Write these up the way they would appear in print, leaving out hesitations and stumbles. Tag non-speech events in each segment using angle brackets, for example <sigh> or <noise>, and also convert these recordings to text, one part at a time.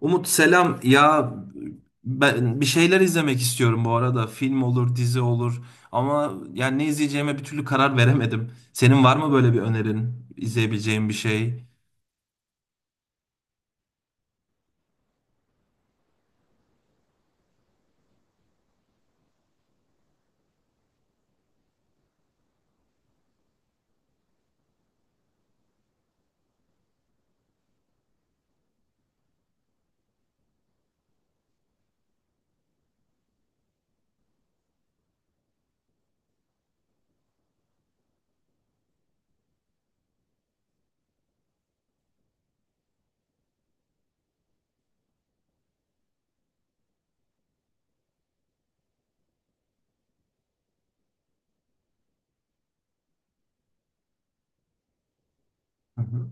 Umut selam. Ben bir şeyler izlemek istiyorum bu arada. Film olur, dizi olur. Ama ne izleyeceğime bir türlü karar veremedim. Senin var mı böyle bir önerin? İzleyebileceğim bir şey? Hı hı.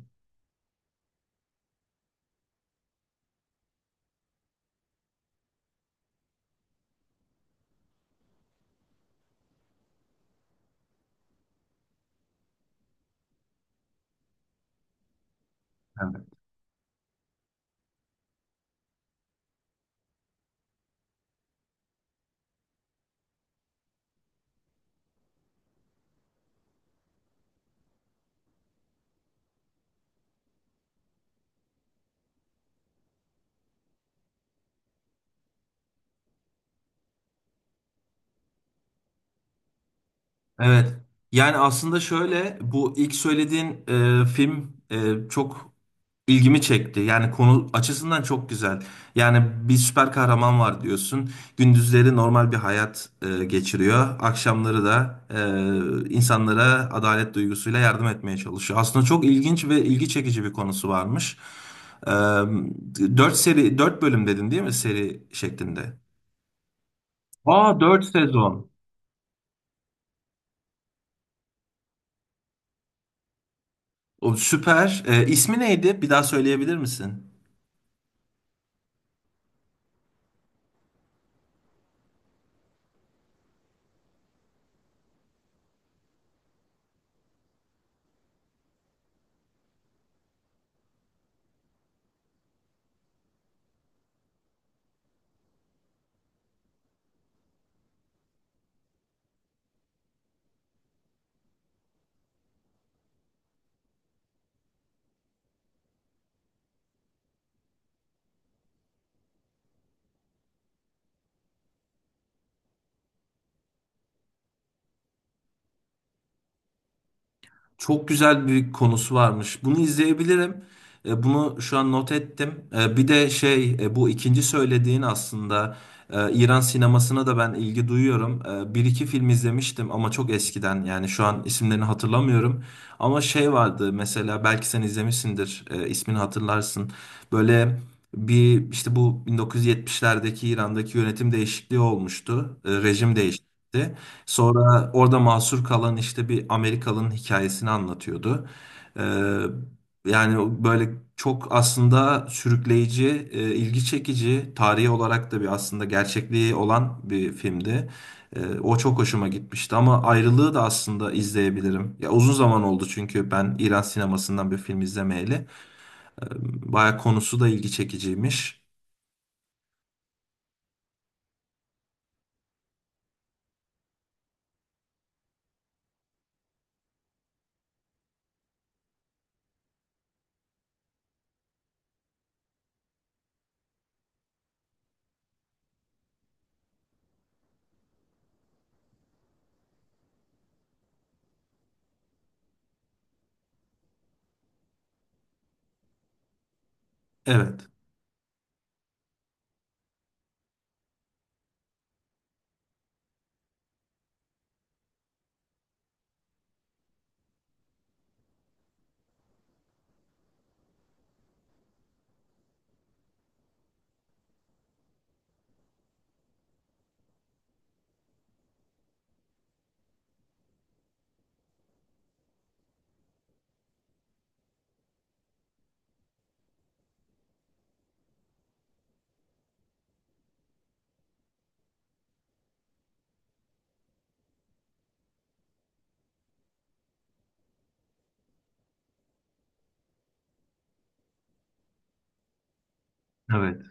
Evet. Evet. Yani aslında şöyle, bu ilk söylediğin film çok ilgimi çekti. Yani konu açısından çok güzel. Yani bir süper kahraman var diyorsun. Gündüzleri normal bir hayat geçiriyor. Akşamları da insanlara adalet duygusuyla yardım etmeye çalışıyor. Aslında çok ilginç ve ilgi çekici bir konusu varmış. 4 seri, 4 bölüm dedin değil mi, seri şeklinde? Aa, 4 sezon. O süper. İsmi neydi? Bir daha söyleyebilir misin? Çok güzel bir konusu varmış. Bunu izleyebilirim. Bunu şu an not ettim. Bir de bu ikinci söylediğin aslında, İran sinemasına da ben ilgi duyuyorum. Bir iki film izlemiştim ama çok eskiden, yani şu an isimlerini hatırlamıyorum. Ama şey vardı, mesela belki sen izlemişsindir, ismini hatırlarsın. Böyle bir bu 1970'lerdeki İran'daki yönetim değişikliği olmuştu. Rejim değişti. Sonra orada mahsur kalan bir Amerikalı'nın hikayesini anlatıyordu. Ee, yani böyle çok aslında sürükleyici, ilgi çekici, tarihi olarak da bir aslında gerçekliği olan bir filmdi. O çok hoşuma gitmişti ama ayrılığı da aslında izleyebilirim. Uzun zaman oldu çünkü ben İran sinemasından bir film izlemeyeli. Ee, Baya konusu da ilgi çekiciymiş. Evet. Evet.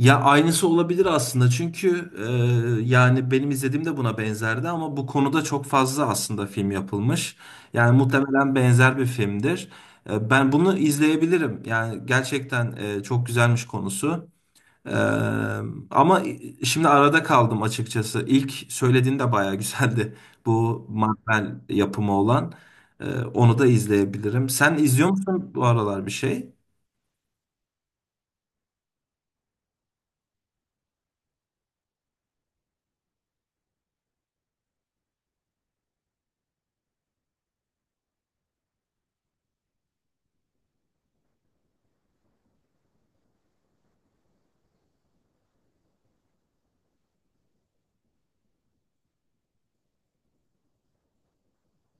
Aynısı olabilir aslında, çünkü yani benim izlediğim de buna benzerdi ama bu konuda çok fazla aslında film yapılmış. Yani muhtemelen benzer bir filmdir. Ben bunu izleyebilirim. Yani gerçekten çok güzelmiş konusu. E, ama şimdi arada kaldım açıkçası. İlk söylediğin de bayağı güzeldi. Bu Marvel yapımı olan. Onu da izleyebilirim. Sen izliyor musun bu aralar bir şey?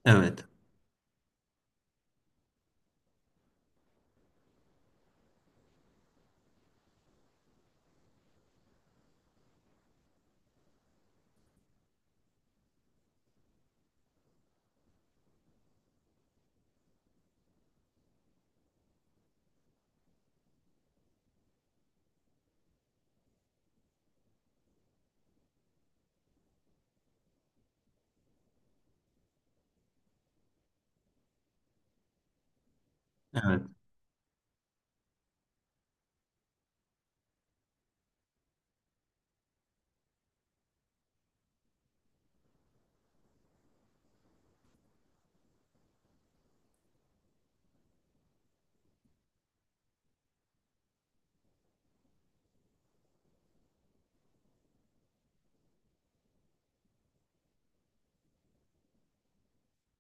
Evet. Evet.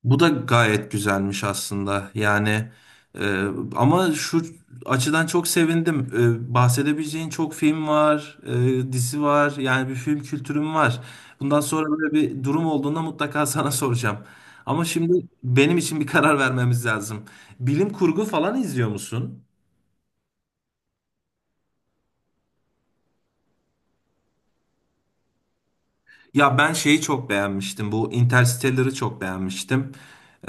Bu da gayet güzelmiş aslında. E, ama şu açıdan çok sevindim. Bahsedebileceğin çok film var, dizi var. Yani bir film kültürüm var. Bundan sonra böyle bir durum olduğunda mutlaka <laughs> sana soracağım. Ama şimdi benim için bir karar vermemiz lazım. Bilim kurgu falan izliyor musun? Ben çok beğenmiştim. Bu Interstellar'ı çok beğenmiştim. E,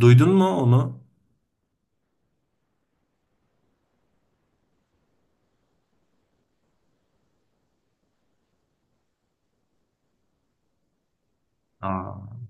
duydun mu onu? Aa.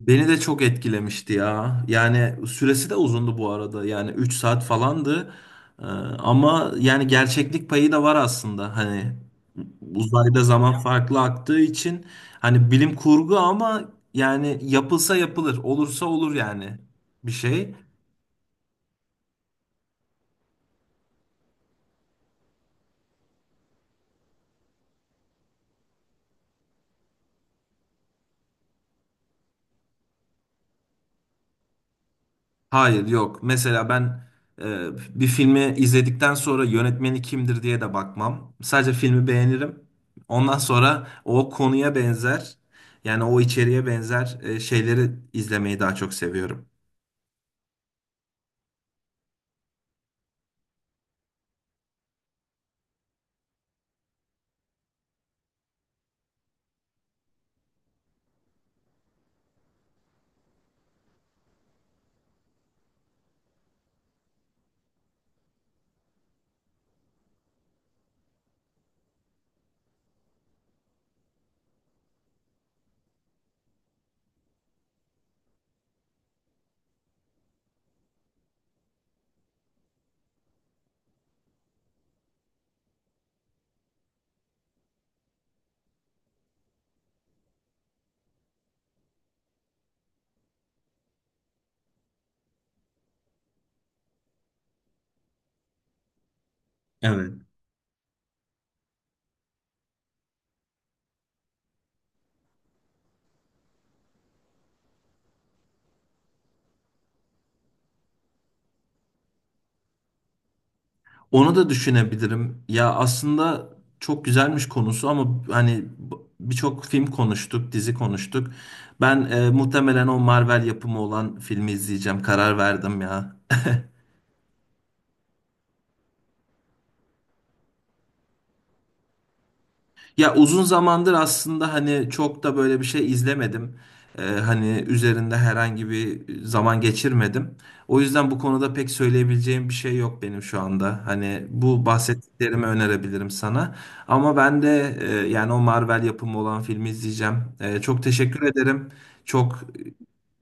Beni de çok etkilemişti ya. Yani süresi de uzundu bu arada. Yani 3 saat falandı. Ama yani gerçeklik payı da var aslında. Hani uzayda zaman farklı aktığı için, hani bilim kurgu ama yani yapılsa yapılır, olursa olur yani bir şey. Hayır, yok. Mesela ben bir filmi izledikten sonra yönetmeni kimdir diye de bakmam. Sadece filmi beğenirim. Ondan sonra o konuya benzer, yani o içeriğe benzer şeyleri izlemeyi daha çok seviyorum. Evet. Onu da düşünebilirim. Aslında çok güzelmiş konusu ama hani birçok film konuştuk, dizi konuştuk. Ben muhtemelen o Marvel yapımı olan filmi izleyeceğim. Karar verdim ya. Uzun zamandır aslında hani çok da böyle bir şey izlemedim. Hani üzerinde herhangi bir zaman geçirmedim. O yüzden bu konuda pek söyleyebileceğim bir şey yok benim şu anda. Hani bu bahsettiklerimi önerebilirim sana. Ama ben de yani o Marvel yapımı olan filmi izleyeceğim. Çok teşekkür ederim. Çok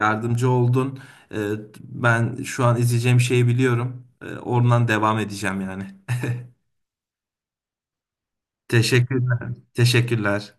yardımcı oldun. E, ben şu an izleyeceğim şeyi biliyorum. Oradan devam edeceğim yani. Teşekkürler. Teşekkürler.